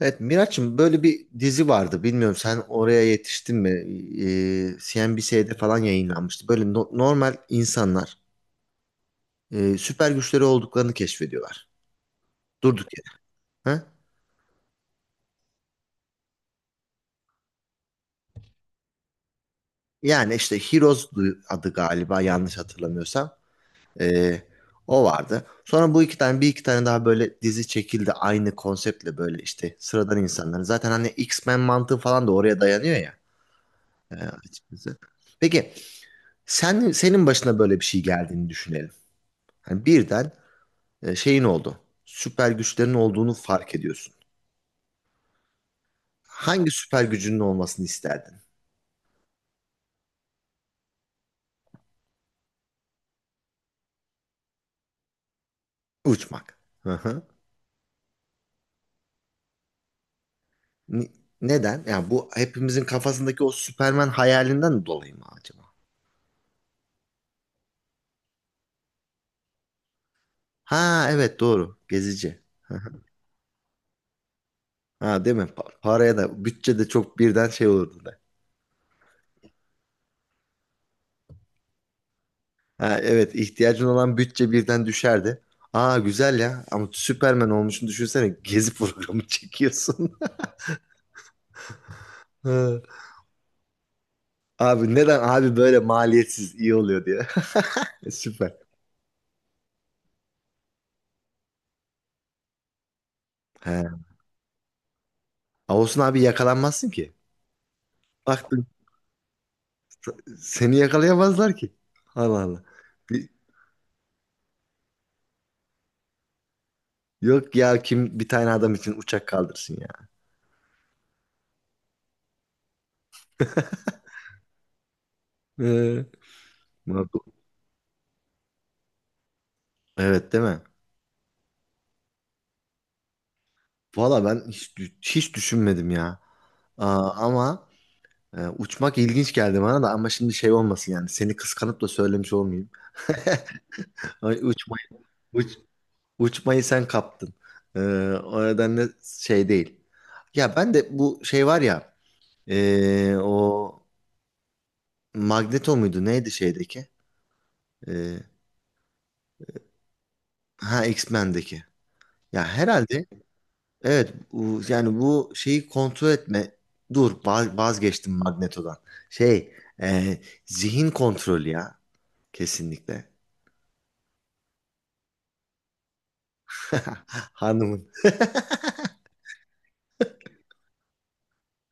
Evet Miraç'ım böyle bir dizi vardı. Bilmiyorum sen oraya yetiştin mi? CNBC'de falan yayınlanmıştı. Böyle normal insanlar süper güçleri olduklarını keşfediyorlar. Durduk yere. Ha? Yani işte Heroes adı galiba yanlış hatırlamıyorsam. Ee, o vardı. Sonra bu iki tane bir iki tane daha böyle dizi çekildi. Aynı konseptle böyle işte sıradan insanların. Zaten hani X-Men mantığı falan da oraya dayanıyor ya. Açıkçası. Peki senin başına böyle bir şey geldiğini düşünelim. Hani birden şeyin oldu. Süper güçlerin olduğunu fark ediyorsun. Hangi süper gücünün olmasını isterdin? Uçmak. Hı hı. Ni- Neden? Yani bu hepimizin kafasındaki o Süperman hayalinden dolayı mı acaba? Ha evet doğru. Gezici. Hı hı. Ha değil mi? Paraya da bütçe de çok birden şey olurdu da. Ha evet ihtiyacın olan bütçe birden düşerdi. Aa güzel ya ama Süperman olmuşsun düşünsene gezi programı çekiyorsun. Hı. Abi neden abi böyle maliyetsiz iyi oluyor diye. Süper. He. Ağustos abi yakalanmazsın ki. Baktın seni yakalayamazlar ki. Allah Allah. Bir- Yok ya kim bir tane adam için uçak kaldırsın ya. Ee, Murat- Evet değil mi? Valla ben hiç, hiç düşünmedim ya. Aa, ama uçmak ilginç geldi bana da ama şimdi şey olmasın yani seni kıskanıp da söylemiş olmayayım. Ay, uç- uçmayı sen kaptın. Ee, o nedenle şey değil. Ya ben de bu şey var ya. O Magneto muydu? Neydi şeydeki? Ee, ha X-Men'deki. Ya herhalde evet yani bu şeyi kontrol etme. Dur vazgeçtim Magneto'dan. Şey, e, zihin kontrolü ya, kesinlikle. Hanımın.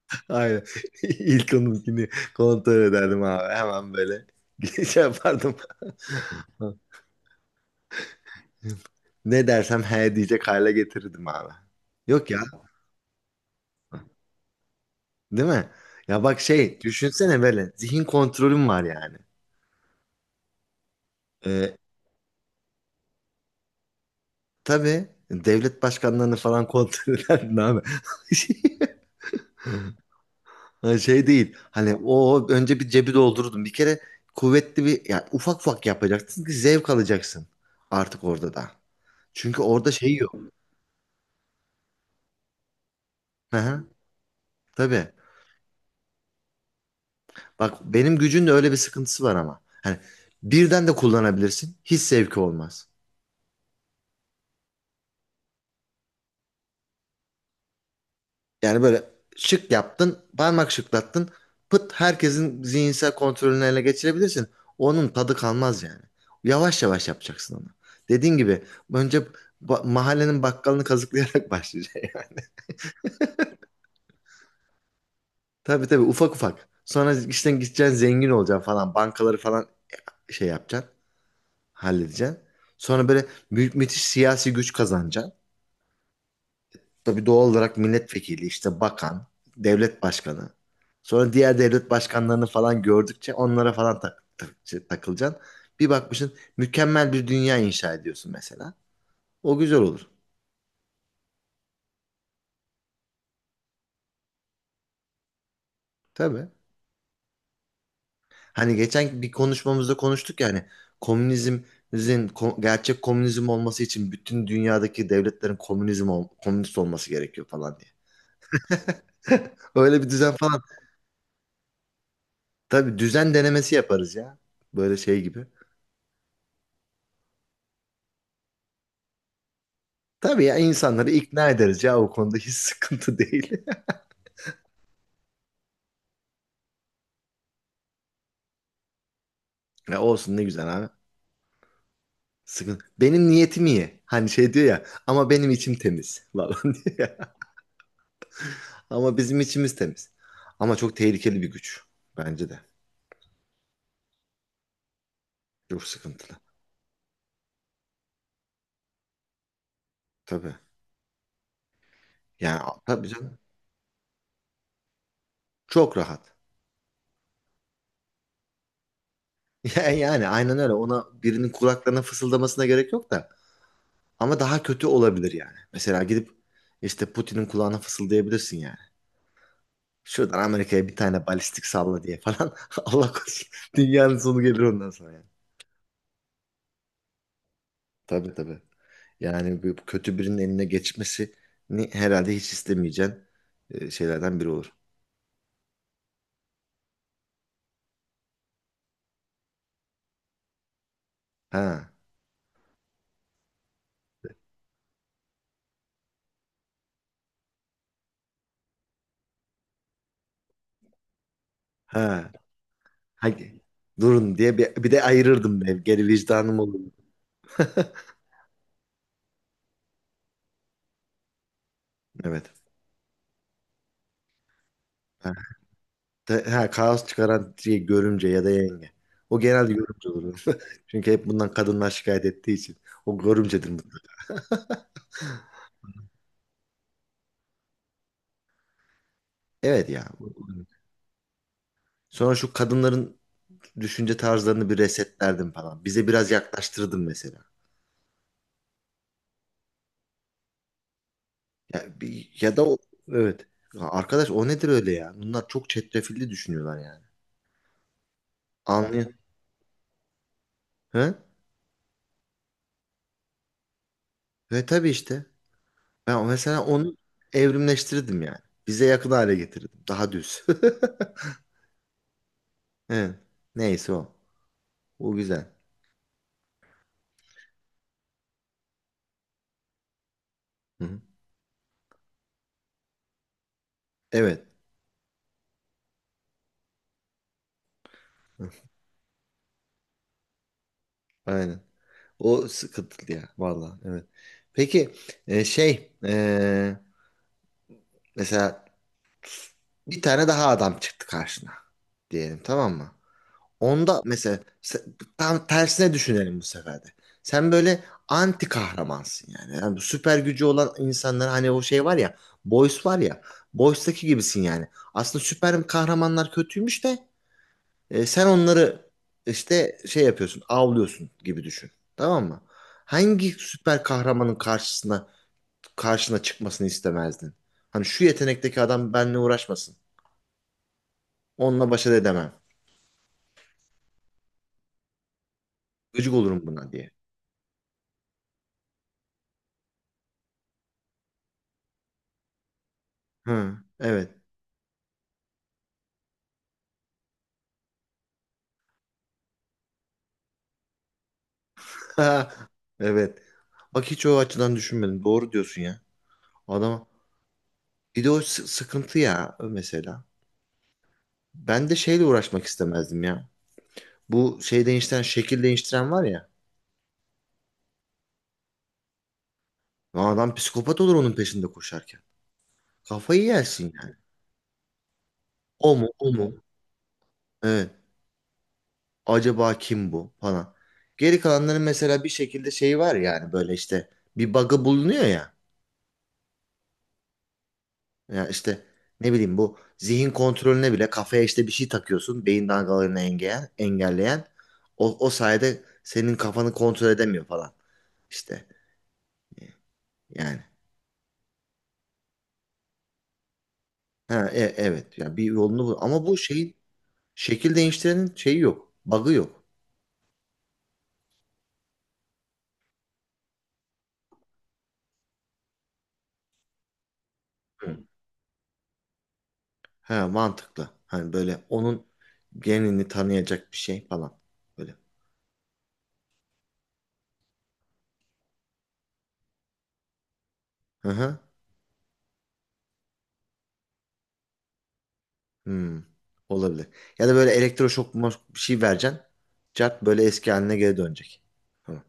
Aynen. İlk onunkini kontrol ederdim abi. Hemen böyle şey yapardım. Ne dersem he diyecek hale getirirdim abi. Yok ya. Değil mi? Ya bak şey düşünsene böyle zihin kontrolüm var yani. Ee, tabii devlet başkanlarını falan kontrol ederdin abi. Ha, şey değil hani o önce bir cebi doldururdun. Bir kere kuvvetli bir ya ufak ufak yapacaksın ki zevk alacaksın artık orada da. Çünkü orada şey yok. Hı hı, tabii. Bak benim gücün de öyle bir sıkıntısı var ama. Hani birden de kullanabilirsin. Hiç zevki olmaz. Yani böyle şık yaptın, parmak şıklattın. Pıt herkesin zihinsel kontrolünü ele geçirebilirsin. Onun tadı kalmaz yani. Yavaş yavaş yapacaksın onu. Dediğin gibi önce mahallenin bakkalını kazıklayarak başlayacaksın. Tabii tabii ufak ufak. Sonra işten gideceksin zengin olacaksın falan. Bankaları falan şey yapacaksın. Halledeceksin. Sonra böyle müthiş siyasi güç kazanacaksın. Tabii doğal olarak milletvekili, işte bakan, devlet başkanı. Sonra diğer devlet başkanlarını falan gördükçe onlara falan şey, takılacaksın. Bir bakmışsın mükemmel bir dünya inşa ediyorsun mesela. O güzel olur. Tabii. Hani geçen bir konuşmamızda konuştuk yani komünizmin gerçek komünizm olması için bütün dünyadaki devletlerin komünist olması gerekiyor falan diye. Öyle bir düzen falan. Tabii düzen denemesi yaparız ya. Böyle şey gibi. Tabii ya insanları ikna ederiz ya o konuda hiç sıkıntı değil. Ya olsun ne güzel abi. Sıkıntı. Benim niyetim iyi. Hani şey diyor ya ama benim içim temiz falan diyor ya. Ama bizim içimiz temiz. Ama çok tehlikeli bir güç. Bence de. Çok sıkıntılı. Tabii. Yani tabii canım. Çok rahat. Yani aynen öyle. Ona birinin kulaklarına fısıldamasına gerek yok da. Ama daha kötü olabilir yani. Mesela gidip işte Putin'in kulağına fısıldayabilirsin yani. Şuradan Amerika'ya bir tane balistik salla diye falan. Allah korusun. Dünyanın sonu gelir ondan sonra. Yani. Tabii tabii. Yani bu kötü birinin eline geçmesini herhalde hiç istemeyeceğin şeylerden biri olur. Ha. Ha. Hadi. Durun diye bir de ayırırdım ben. Geri vicdanım olur. Evet. Ha, kaos çıkaran şey görümce ya da yenge. O genelde görümce olur. Çünkü hep bundan kadınlar şikayet ettiği için. O görümcedir mutlaka. Evet ya. Sonra şu kadınların düşünce tarzlarını bir resetlerdim falan. Bize biraz yaklaştırdım mesela. Ya da o, evet. Ya arkadaş o nedir öyle ya? Bunlar çok çetrefilli düşünüyorlar yani. Anlıyor. He? Ve tabii işte. Ben mesela onu evrimleştirdim yani. Bize yakın hale getirdim. Daha düz. Evet. Neyse o. O güzel. Hı-hı. Evet. Hı. Aynen. O sıkıntılı ya. Vallahi evet. Peki şey mesela bir tane daha adam çıktı karşına diyelim tamam mı? Onda mesela tam tersine düşünelim bu sefer de. Sen böyle anti kahramansın yani. Yani bu süper gücü olan insanlar hani o şey var ya Boys var ya, Boys'taki gibisin yani. Aslında süper kahramanlar kötüymüş de sen onları işte şey yapıyorsun avlıyorsun gibi düşün. Tamam mı? Hangi süper kahramanın karşına çıkmasını istemezdin? Hani şu yetenekteki adam benimle uğraşmasın. Onunla başa edemem. Gıcık olurum buna diye. Hı, evet. Evet. Bak hiç o açıdan düşünmedim. Doğru diyorsun ya. Adam bir de o sıkıntı ya mesela. Ben de şeyle uğraşmak istemezdim ya. Bu şekil değiştiren var ya. Adam psikopat olur onun peşinde koşarken. Kafayı yersin yani. O mu? Evet. Acaba kim bu falan. Geri kalanların mesela bir şekilde şeyi var yani böyle işte bir bug'ı bulunuyor ya. Ya işte ne bileyim bu zihin kontrolüne bile kafaya işte bir şey takıyorsun. Beyin dalgalarını engelleyen. O sayede senin kafanı kontrol edemiyor falan. İşte e, yani. Ha, evet ya bir yolunu bul. Ama bu şeyin şekil değiştirenin şeyi yok. Bug'ı yok. Hı. Ha, mantıklı. Hani böyle onun genini tanıyacak bir şey falan. Böyle. Hı hı. Hmm. Olabilir. Ya da böyle elektroşok bir şey vereceksin. Cart böyle eski haline geri dönecek. Tamam.